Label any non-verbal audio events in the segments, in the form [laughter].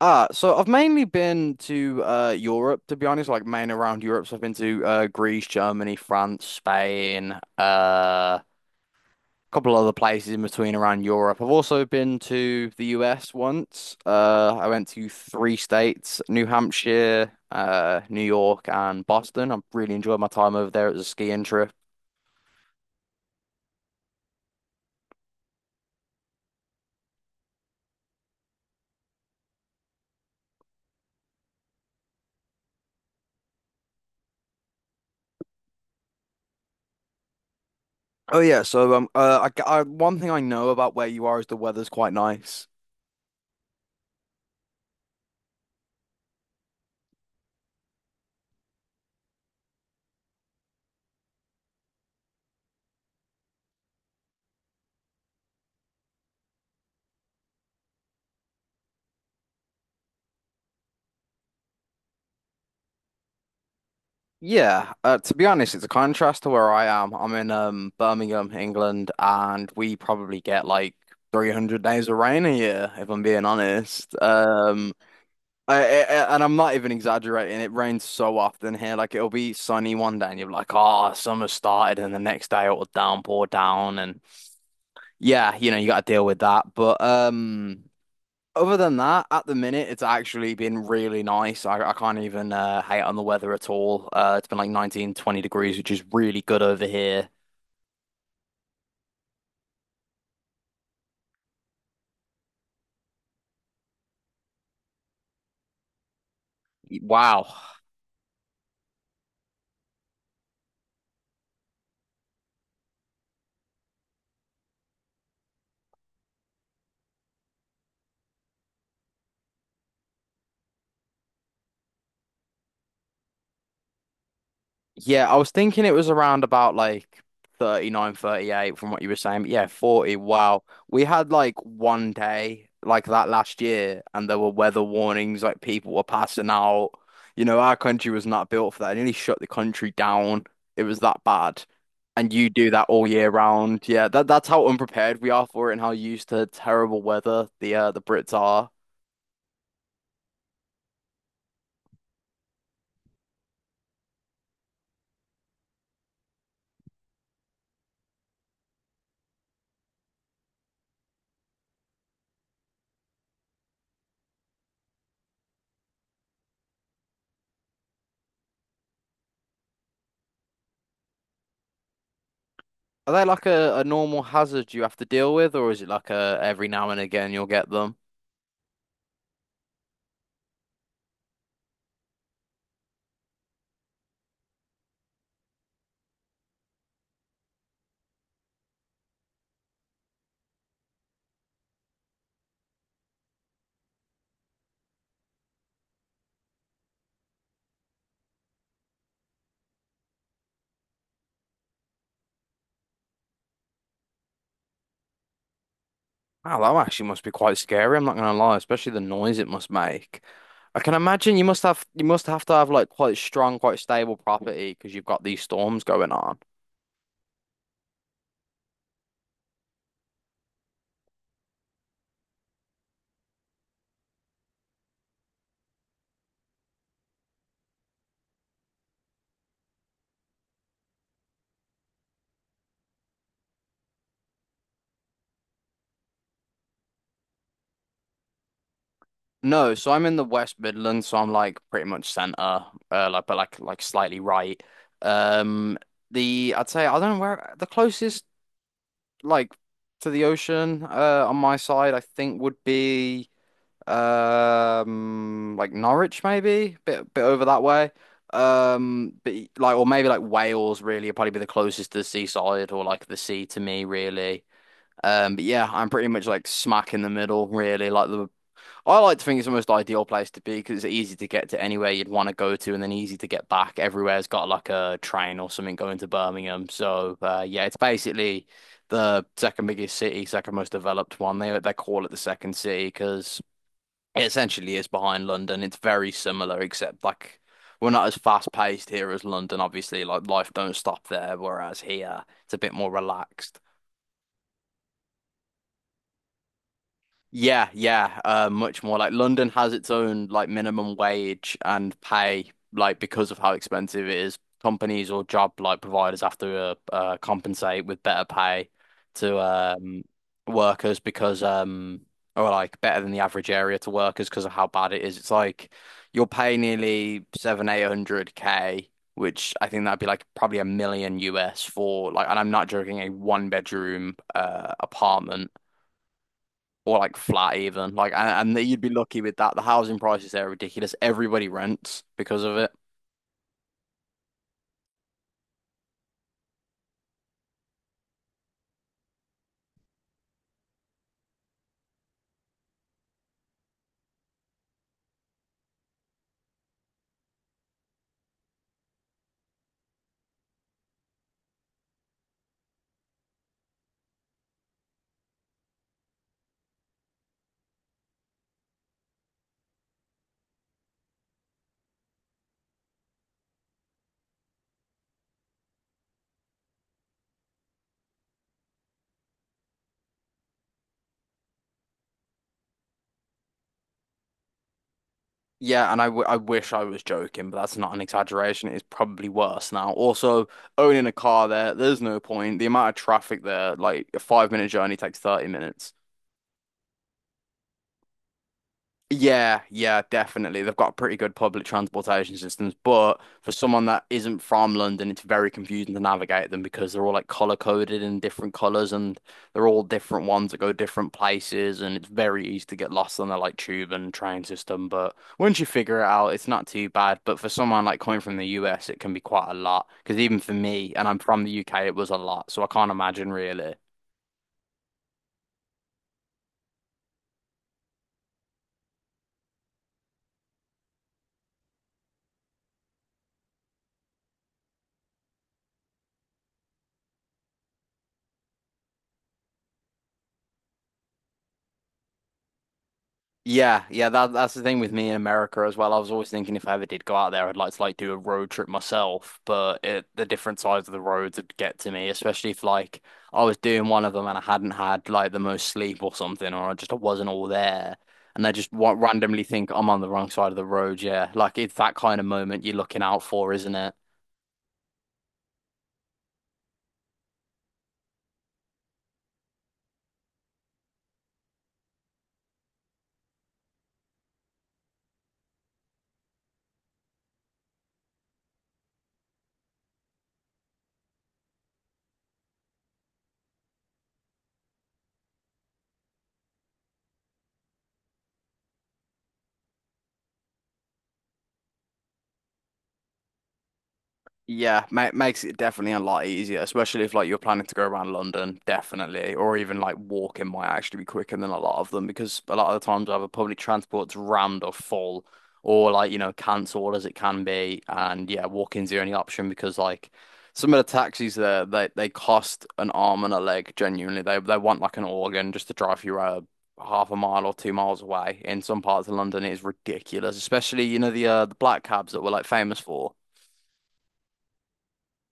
Ah, so I've mainly been to Europe to be honest, like main around Europe. So I've been to Greece, Germany, France, Spain, uh a couple other places in between around Europe. I've also been to the US once. I went to three states, New Hampshire, New York and Boston. I really enjoyed my time over there. It was a skiing trip. Oh yeah, so one thing I know about where you are is the weather's quite nice. Yeah, to be honest, it's a contrast to where I am. I'm in Birmingham, England, and we probably get like 300 days of rain a year, if I'm being honest. And I'm not even exaggerating. It rains so often here. Like it'll be sunny one day, and you're like, "Oh, summer started," and the next day it'll downpour down, and yeah, you got to deal with that. But. Other than that, at the minute, it's actually been really nice. I can't even hate on the weather at all. It's been like 19, 20 degrees, which is really good over here. Wow. Yeah, I was thinking it was around about like 39, 38, from what you were saying. But yeah, 40. Wow. We had like one day like that last year, and there were weather warnings, like people were passing out. You know, our country was not built for that. It nearly shut the country down. It was that bad. And you do that all year round. Yeah, that's how unprepared we are for it and how used to terrible weather the Brits are. Are they like a normal hazard you have to deal with, or is it like a every now and again you'll get them? Wow, that actually must be quite scary. I'm not gonna lie, especially the noise it must make. I can imagine you must have to have like quite strong, quite stable property because you've got these storms going on. No, so I'm in the West Midlands, so I'm like pretty much centre, like but like slightly right. Um, the I'd say I don't know where the closest like to the ocean, on my side I think would be. Like Norwich maybe, bit over that way. But like, or maybe like Wales really would probably be the closest to the seaside or like the sea to me really. But yeah, I'm pretty much like smack in the middle really. Like the I like to think it's the most ideal place to be because it's easy to get to anywhere you'd want to go to and then easy to get back. Everywhere's got like a train or something going to Birmingham. So yeah, it's basically the second biggest city, second most developed one. They call it the second city because. It essentially is behind London. It's very similar, except like we're not as fast paced here as London, obviously. Like life don't stop there, whereas here it's a bit more relaxed. Yeah, yeah, much more. Like London has its own like minimum wage and pay, like because of how expensive it is. Companies or job like providers have to compensate with better pay to workers because or like better than the average area to workers because of how bad it is. It's like you'll pay nearly seven, 800 K, which I think that'd be like probably a million US for like, and I'm not joking, a one bedroom apartment or like flat even. Like, and you'd be lucky with that. The housing prices there are ridiculous. Everybody rents because of it. Yeah, and I wish I was joking, but that's not an exaggeration. It's probably worse now. Also, owning a car there, there's no point. The amount of traffic there, like a 5 minute journey takes 30 minutes. Yeah, yeah, definitely. They've got pretty good public transportation systems, but for someone that isn't from London, it's very confusing to navigate them because they're all like color coded in different colors and they're all different ones that go different places and it's very easy to get lost on the like tube and train system, but once you figure it out, it's not too bad. But for someone like coming from the US, it can be quite a lot because even for me, and I'm from the UK, it was a lot, so I can't imagine really. Yeah, yeah, that's the thing with me in America as well. I was always thinking if I ever did go out there, I'd like to like do a road trip myself, but it, the different sides of the roads would get to me, especially if like I was doing one of them and I hadn't had like the most sleep or something, or I just wasn't all there, and I just wa randomly think I'm on the wrong side of the road. Yeah, like it's that kind of moment you're looking out for, isn't it? Yeah, ma makes it definitely a lot easier, especially if like you're planning to go around London, definitely, or even like walking might actually be quicker than a lot of them because a lot of the times either public transport's rammed or full, or like cancelled as it can be, and yeah, walking's the only option because like some of the taxis there they cost an arm and a leg genuinely. They want like an organ just to drive you half a mile or 2 miles away. In some parts of London, it is ridiculous, especially the black cabs that we're like famous for.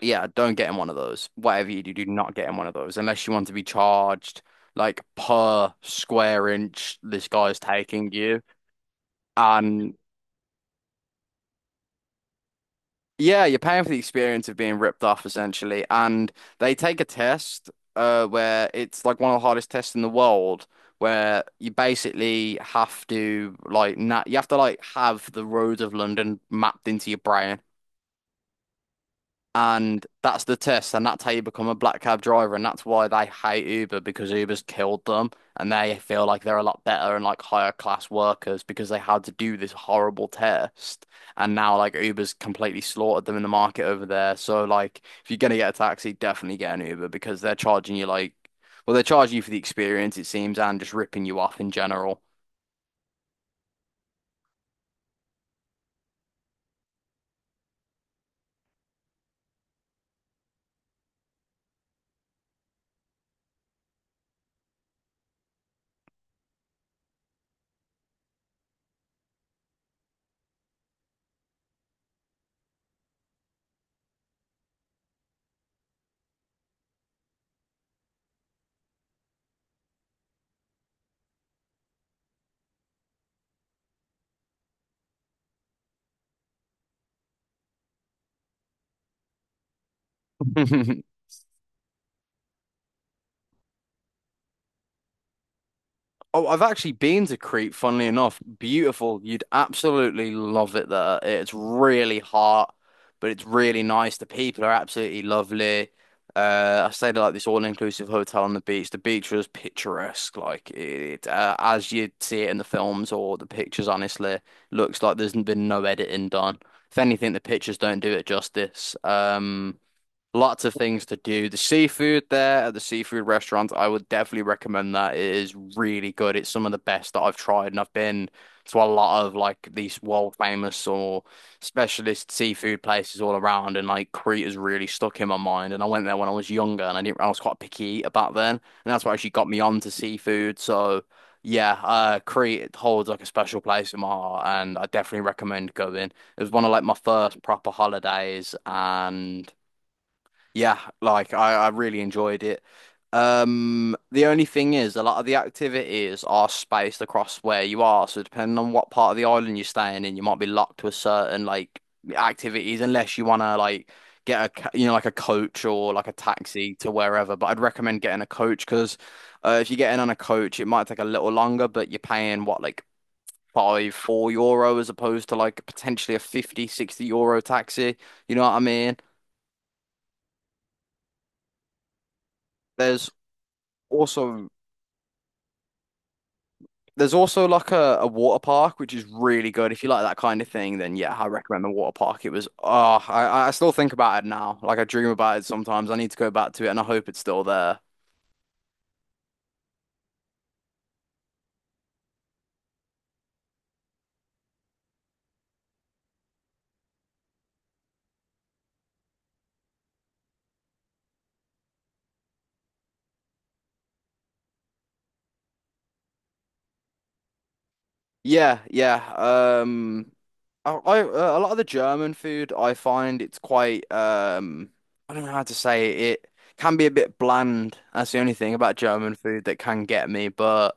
Yeah, don't get in one of those. Whatever you do, do not get in one of those unless you want to be charged like per square inch this guy's taking you. And yeah, you're paying for the experience of being ripped off essentially. And they take a test where it's like one of the hardest tests in the world where you basically have to like na you have to like have the roads of London mapped into your brain. And that's the test, and that's how you become a black cab driver, and that's why they hate Uber because Uber's killed them, and they feel like they're a lot better and like higher class workers because they had to do this horrible test, and now like Uber's completely slaughtered them in the market over there. So like, if you're gonna get a taxi, definitely get an Uber because they're charging you like, well, they're charging you for the experience, it seems, and just ripping you off in general. [laughs] Oh, I've actually been to Crete, funnily enough. Beautiful. You'd absolutely love it there. It's really hot, but it's really nice. The people are absolutely lovely. I stayed at like this all-inclusive hotel on the beach. The beach was picturesque, like it as you'd see it in the films or the pictures. Honestly, looks like there's been no editing done. If anything, the pictures don't do it justice. Lots of things to do. The seafood there at the seafood restaurant, I would definitely recommend that. It is really good. It's some of the best that I've tried, and I've been to a lot of like these world famous or specialist seafood places all around, and like Crete has really stuck in my mind. And I went there when I was younger, and I didn't, I was quite a picky eater back then, and that's what actually got me onto seafood. So yeah, Crete it holds like a special place in my heart, and I definitely recommend going. It was one of like my first proper holidays, and. Yeah, like I really enjoyed it. The only thing is, a lot of the activities are spaced across where you are. So depending on what part of the island you're staying in, you might be locked to a certain like activities unless you want to like get a like a coach or like a taxi to wherever. But I'd recommend getting a coach because if you get in on a coach, it might take a little longer, but you're paying what like five, €4 as opposed to like potentially a 50, €60 taxi. You know what I mean? There's also There's also like a water park, which is really good. If you like that kind of thing, then yeah, I recommend the water park. It was, oh, I still think about it now. Like I dream about it sometimes. I need to go back to it and I hope it's still there. Yeah, yeah. I a lot of the German food, I find it's quite, I don't know how to say it. It can be a bit bland. That's the only thing about German food that can get me. But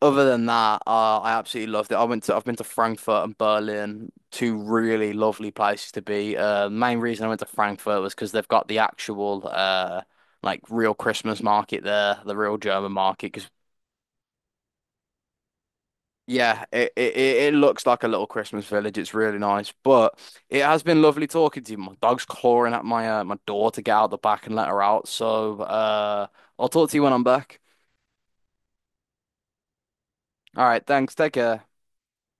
other than that, I absolutely loved it. I've been to Frankfurt and Berlin, two really lovely places to be. Main reason I went to Frankfurt was because they've got the actual like real Christmas market there, the real German market. Because yeah, it looks like a little Christmas village. It's really nice, but it has been lovely talking to you. My dog's clawing at my door to get out the back and let her out. So I'll talk to you when I'm back. All right, thanks. Take care.